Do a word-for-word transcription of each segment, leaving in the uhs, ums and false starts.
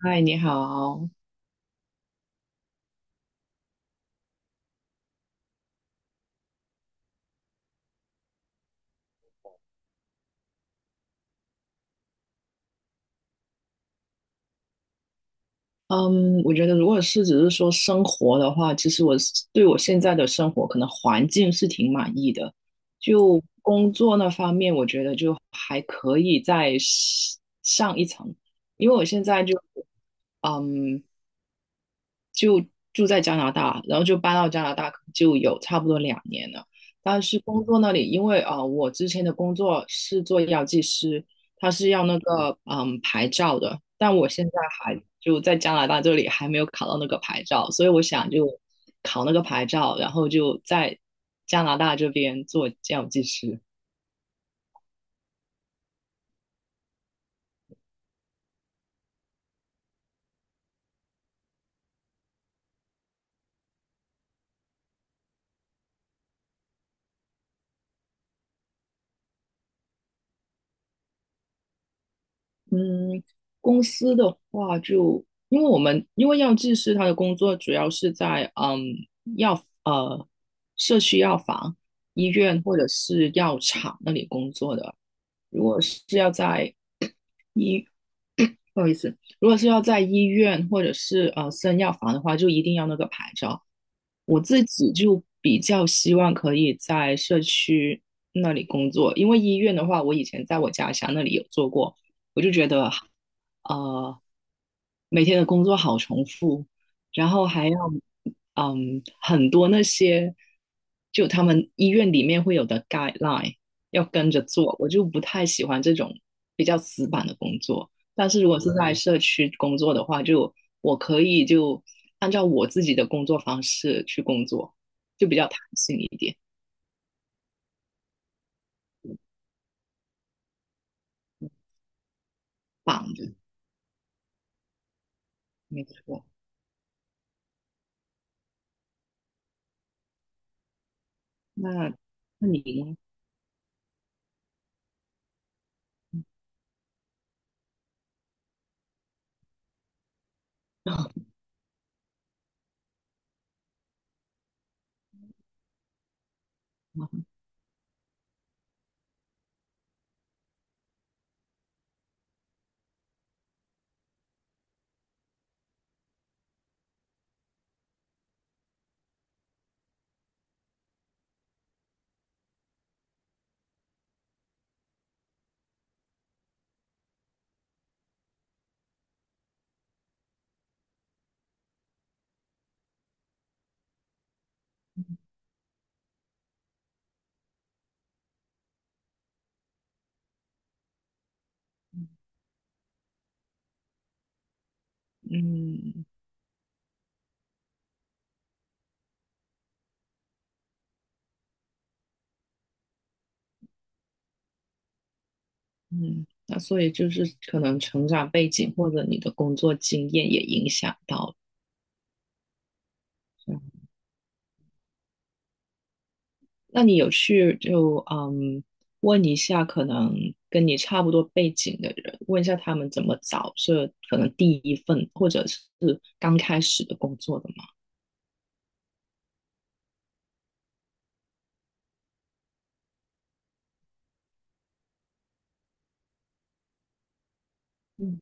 嗨，你好。嗯，我觉得如果是只是说生活的话，其实我是对我现在的生活可能环境是挺满意的。就工作那方面，我觉得就还可以再上上一层，因为我现在就嗯住在加拿大，然后就搬到加拿大就有差不多两年了。但是工作那里，因为啊呃，我之前的工作是做药剂师，他是要那个嗯牌照的，但我现在还就在加拿大这里还没有考到那个牌照，所以我想就考那个牌照，然后就在加拿大这边做药剂师。嗯，公司的话就，因为我们因为药剂师他的工作主要是在嗯药呃社区药房、医院或者是药厂那里工作的。如果是要在医，不好意思，如果是要在医院或者是呃私人药房的话，就一定要那个牌照。我自己就比较希望可以在社区那里工作，因为医院的话，我以前在我家乡那里有做过。我就觉得，呃，每天的工作好重复，然后还要，嗯，很多那些，就他们医院里面会有的 guideline 要跟着做，我就不太喜欢这种比较死板的工作。但是如果是在嗯社区工作的话，就我可以就按照我自己的工作方式去工作，就比较弹性一点，棒的，没错。那那你呢？嗯。嗯，那所以就是可能成长背景或者你的工作经验也影响到了这样。那你有去就嗯问一下，可能跟你差不多背景的人，问一下他们怎么找这可能第一份或者是刚开始的工作的吗？嗯。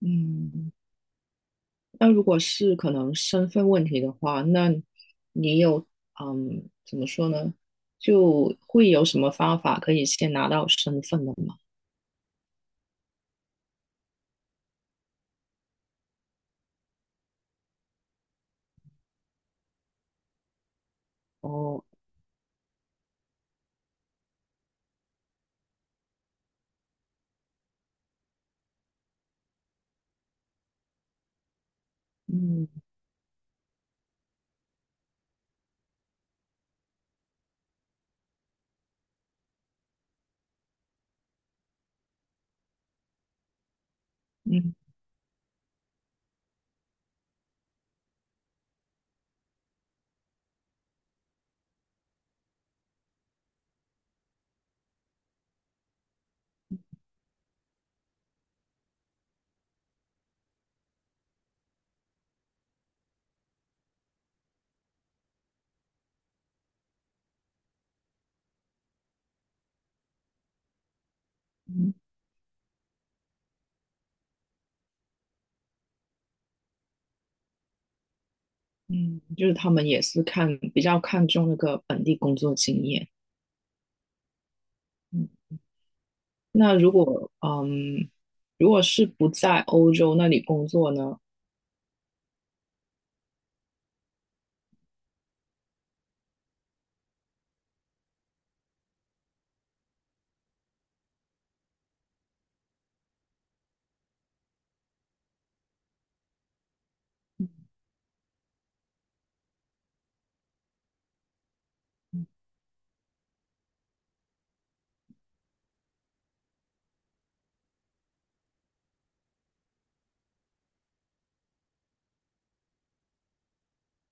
嗯，那如果是可能身份问题的话，那你有嗯怎么说呢？就会有什么方法可以先拿到身份的吗？哦。嗯，嗯嗯嗯，就是他们也是看比较看重那个本地工作经验。嗯，那如果嗯，如果是不在欧洲那里工作呢？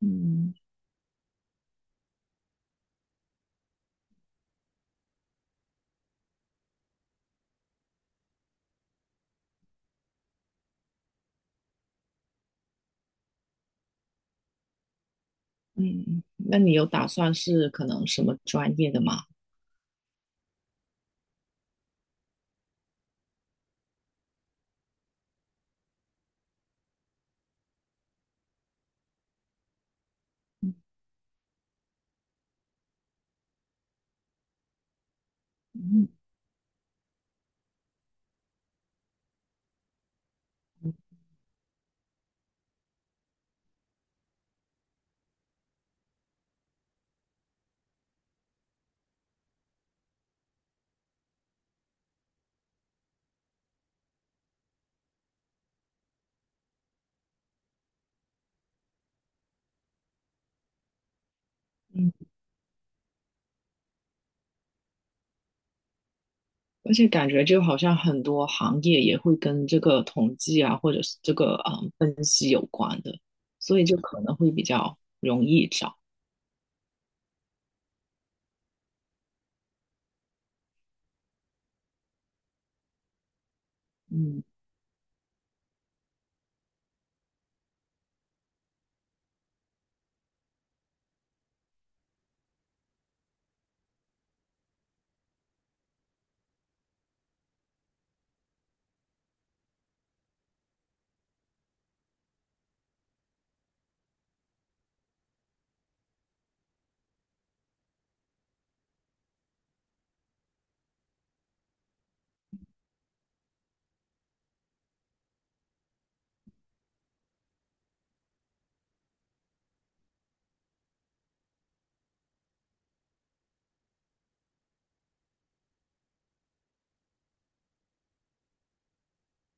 嗯嗯，那你有打算是可能什么专业的吗？嗯嗯嗯，而且感觉就好像很多行业也会跟这个统计啊，或者是这个嗯分析有关的，所以就可能会比较容易找。嗯。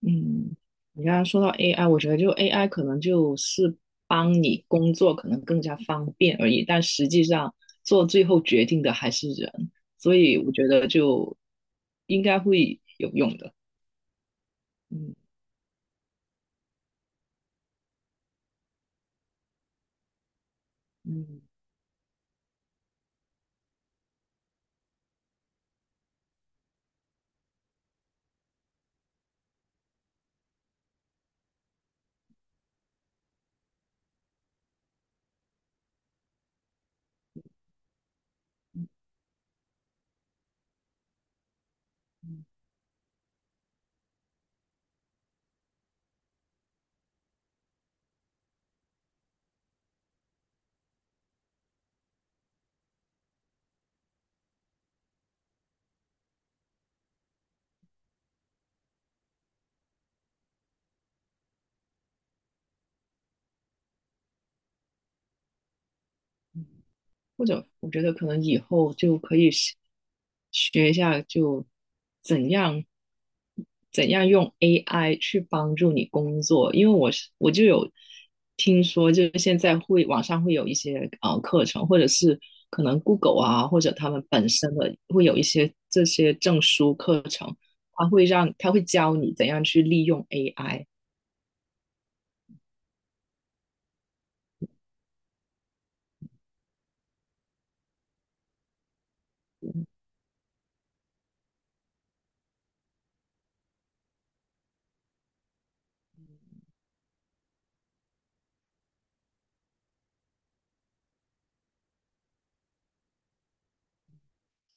嗯，你刚刚说到 A I,我觉得就 A I 可能就是帮你工作可能更加方便而已，但实际上做最后决定的还是人，所以我觉得就应该会有用的。嗯嗯，或者我觉得可能以后就可以学学一下，就怎样怎样用 A I 去帮助你工作，因为我是我就有听说，就是现在会网上会有一些呃课程，或者是可能 Google 啊，或者他们本身的会有一些这些证书课程，他会让他会教你怎样去利用 A I,嗯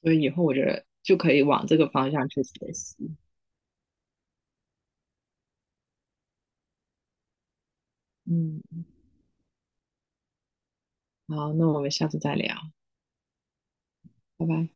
所以以后我觉得就可以往这个方向去学习。嗯，好，那我们下次再聊。拜拜。